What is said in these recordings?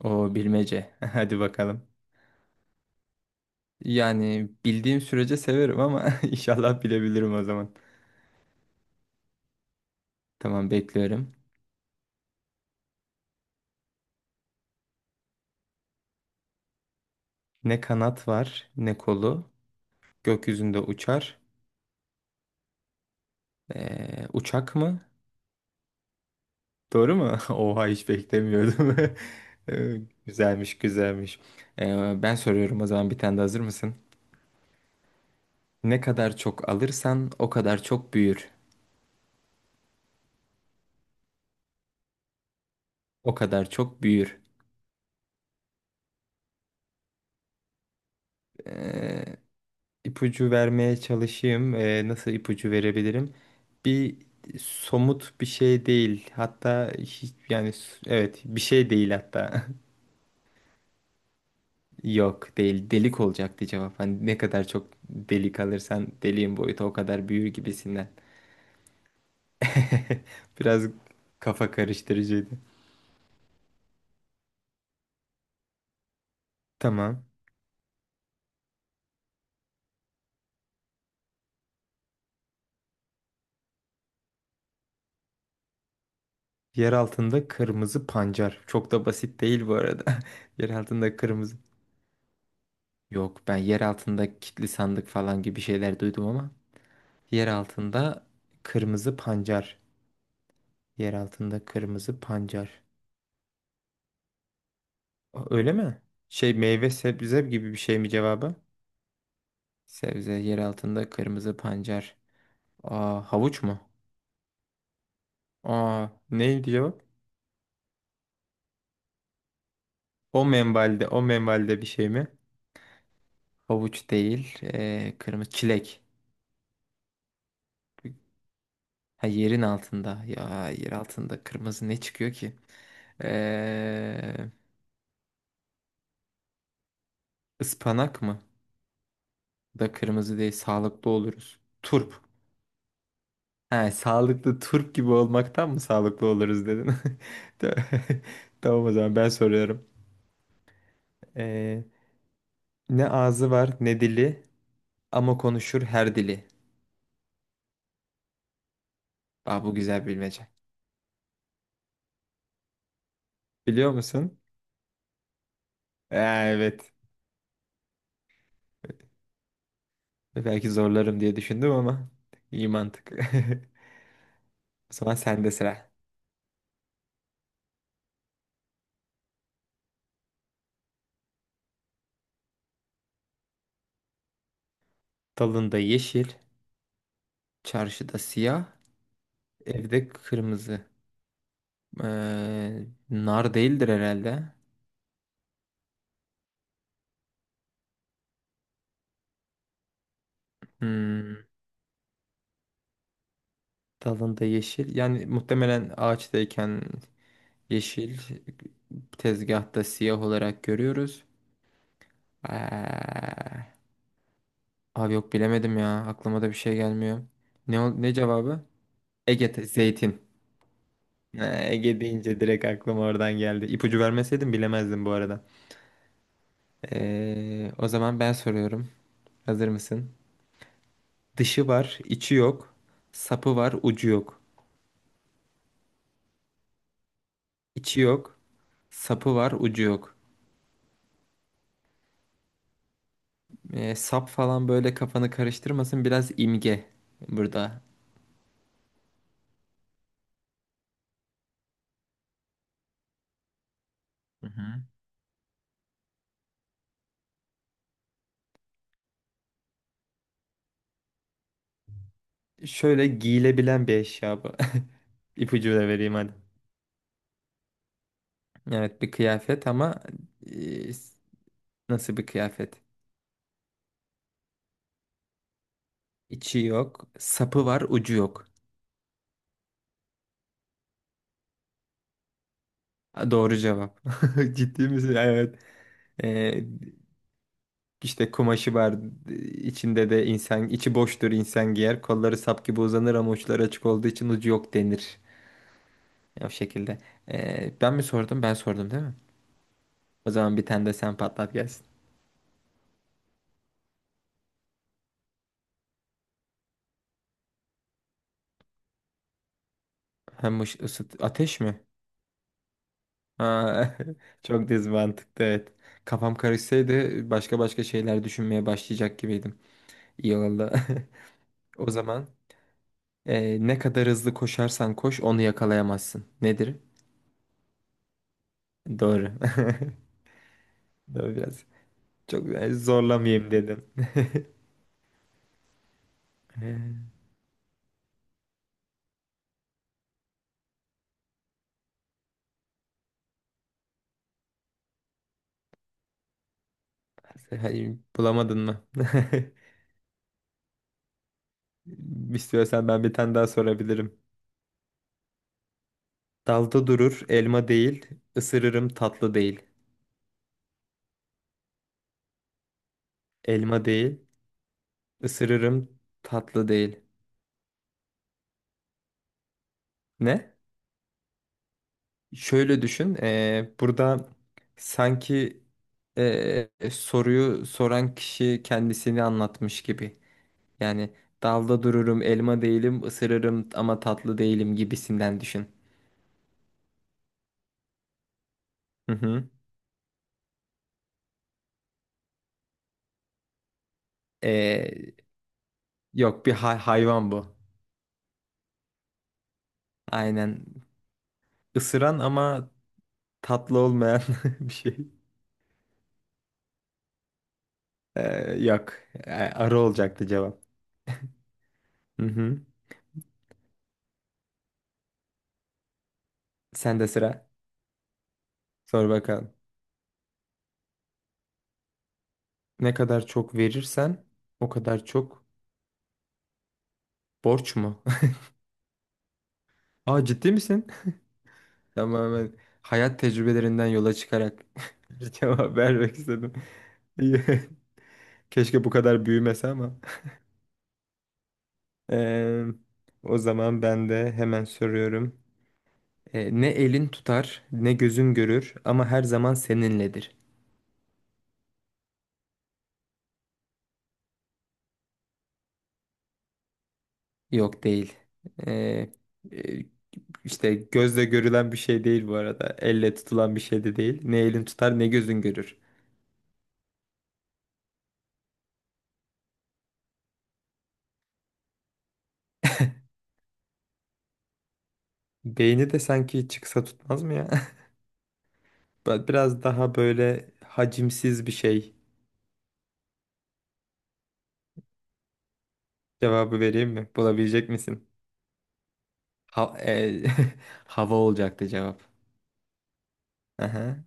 O bilmece. Hadi bakalım. Yani bildiğim sürece severim ama inşallah bilebilirim o zaman. Tamam bekliyorum. Ne kanat var, ne kolu. Gökyüzünde uçar. Uçak mı? Doğru mu? Oha hiç beklemiyordum. Ee, Güzelmiş, güzelmiş. Ben soruyorum o zaman, bir tane de, hazır mısın? Ne kadar çok alırsan o kadar çok büyür. O kadar çok büyür. Ee, ipucu vermeye çalışayım. Nasıl ipucu verebilirim? Bir Somut bir şey değil. Hatta hiç, yani evet bir şey değil hatta. Yok değil. Delik olacaktı cevap. Hani ne kadar çok delik alırsan deliğin boyutu o kadar büyür gibisinden. Biraz kafa karıştırıcıydı. Tamam. Yer altında kırmızı pancar. Çok da basit değil bu arada. Yer altında kırmızı. Yok, ben yer altında kilitli sandık falan gibi şeyler duydum ama. Yer altında kırmızı pancar. Yer altında kırmızı pancar. Öyle mi? Şey, meyve sebze gibi bir şey mi cevabı? Sebze yer altında kırmızı pancar. Aa, havuç mu? Aa, neydi cevap? O menbalde, o menbalde bir şey mi? Havuç değil. Kırmızı çilek. Ha, yerin altında. Ya yer altında kırmızı ne çıkıyor ki? Ee, ıspanak mı? Da kırmızı değil, sağlıklı oluruz. Turp. Ha, sağlıklı turp gibi olmaktan mı sağlıklı oluruz dedin? Ta- Tamam, o zaman ben soruyorum. Ee, Ne ağzı var ne dili ama konuşur her dili. Aa, bu güzel bilmece. Biliyor musun? Ee, evet. Belki zorlarım diye düşündüm ama iyi mantık. O zaman sende sıra. Dalında yeşil, çarşıda siyah, evde kırmızı. Nar değildir herhalde. Hmm. Dalında yeşil. Yani muhtemelen ağaçtayken yeşil, tezgahta siyah olarak görüyoruz. Eee, Abi yok bilemedim ya. Aklıma da bir şey gelmiyor. Ne cevabı? Ege zeytin. Ege deyince direkt aklıma oradan geldi. İpucu vermeseydim bilemezdim bu arada. O zaman ben soruyorum. Hazır mısın? Dışı var, içi yok. Sapı var, ucu yok. İçi yok, sapı var, ucu yok. Sap falan böyle kafanı karıştırmasın. Biraz imge burada. Hı hı. Şöyle giyilebilen bir eşya bu. İpucu da vereyim hadi. Evet, bir kıyafet ama e, nasıl bir kıyafet? İçi yok, sapı var, ucu yok. Ha, doğru cevap. Ciddi misin? Evet. E, işte kumaşı var. İçinde de insan, içi boştur, insan giyer. Kolları sap gibi uzanır ama uçları açık olduğu için ucu yok denir. O şekilde. Ben mi sordum? Ben sordum değil mi? O zaman bir tane de sen patlat gelsin. Hem ış- ısıt Ateş mi? Ha, çok düz mantıklı, evet. Kafam karışsaydı başka başka şeyler düşünmeye başlayacak gibiydim. İyi oldu. O zaman ne kadar hızlı koşarsan koş onu yakalayamazsın. Nedir? Doğru. Doğru biraz. Çok zorlamayayım dedim. Ee, Hayır, bulamadın mı? İstiyorsan ben bir tane daha sorabilirim. Dalda durur elma değil, ısırırım tatlı değil. Elma değil. Isırırım tatlı değil. Ne? Şöyle düşün. Burada sanki soruyu soran kişi kendisini anlatmış gibi. Yani dalda dururum, elma değilim, ısırırım ama tatlı değilim gibisinden düşün. Hı hı. Eee, Yok, bir hayvan bu. Aynen. Isıran ama tatlı olmayan bir şey. Yok. Arı olacaktı cevap. Hı hı. Sen de sıra. Sor bakalım. Ne kadar çok verirsen o kadar çok, borç mu? Aa, ciddi misin? Tamamen hayat tecrübelerinden yola çıkarak bir cevap vermek istedim. İyi. Keşke bu kadar büyümese ama. Ee, O zaman ben de hemen soruyorum. Ne elin tutar, ne gözün görür ama her zaman seninledir. Yok değil. Ee, e, işte gözle görülen bir şey değil bu arada. Elle tutulan bir şey de değil. Ne elin tutar, ne gözün görür. Beyni de sanki çıksa tutmaz mı ya? Ben biraz daha böyle hacimsiz bir şey cevabı vereyim mi? Bulabilecek misin? Ha- e, Hava olacaktı cevap. Aha.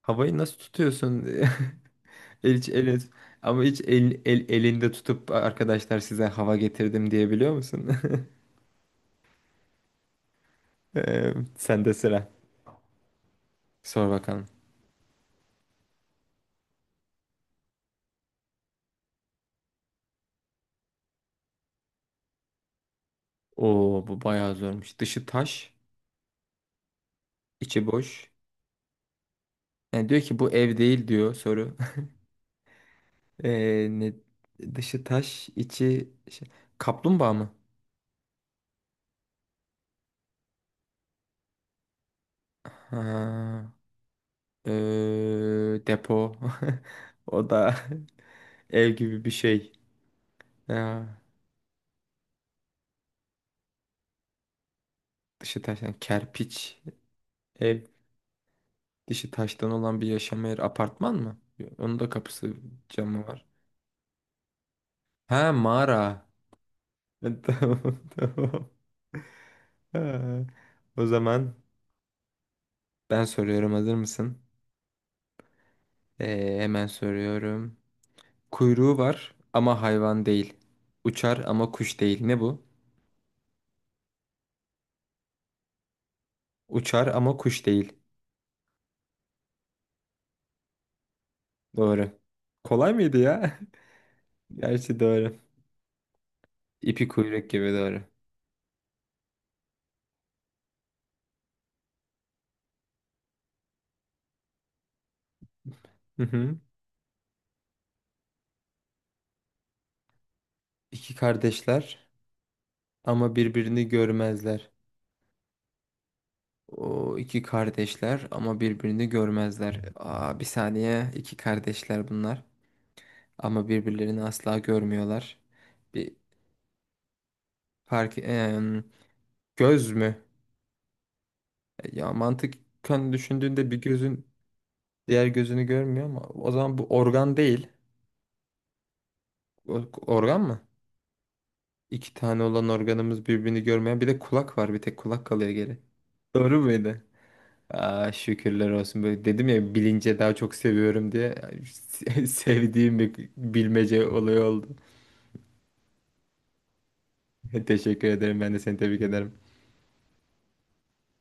Havayı nasıl tutuyorsun? El, hiç elin- Ama hiç elinde tutup, arkadaşlar size hava getirdim, diyebiliyor musun? Sende sıra. Sor bakalım. Oo, bu bayağı zormuş. Dışı taş, içi boş. Yani diyor ki bu ev değil diyor soru. Ee, ne, Dışı taş, içi kaplumbağa mı? Ha, depo. O da ev gibi bir şey. Ha, dışı taştan kerpiç ev. Dışı taştan olan bir yaşam yeri, apartman mı? Onun da kapısı, camı var. Ha, mağara. Tamam, tamam. Ha, o zaman ben soruyorum, hazır mısın? Hemen soruyorum. Kuyruğu var ama hayvan değil. Uçar ama kuş değil. Ne bu? Uçar ama kuş değil. Doğru. Kolay mıydı ya? Gerçi doğru. İpi kuyruk gibi, doğru. Hı hı. İki kardeşler ama birbirini görmezler. O, iki kardeşler ama birbirini görmezler. Aa, bir saniye. İki kardeşler bunlar. Ama birbirlerini asla görmüyorlar. Bir fark... göz mü? Ya mantıken düşündüğünde bir gözün diğer gözünü görmüyor ama o zaman bu organ değil. Organ mı? İki tane olan organımız birbirini görmeyen, bir de kulak var. Bir tek kulak kalıyor geri. Doğru muydu? Aa, şükürler olsun. Böyle dedim ya, bilince daha çok seviyorum diye, sevdiğim bir bilmece olayı oldu. Teşekkür ederim. Ben de seni tebrik ederim.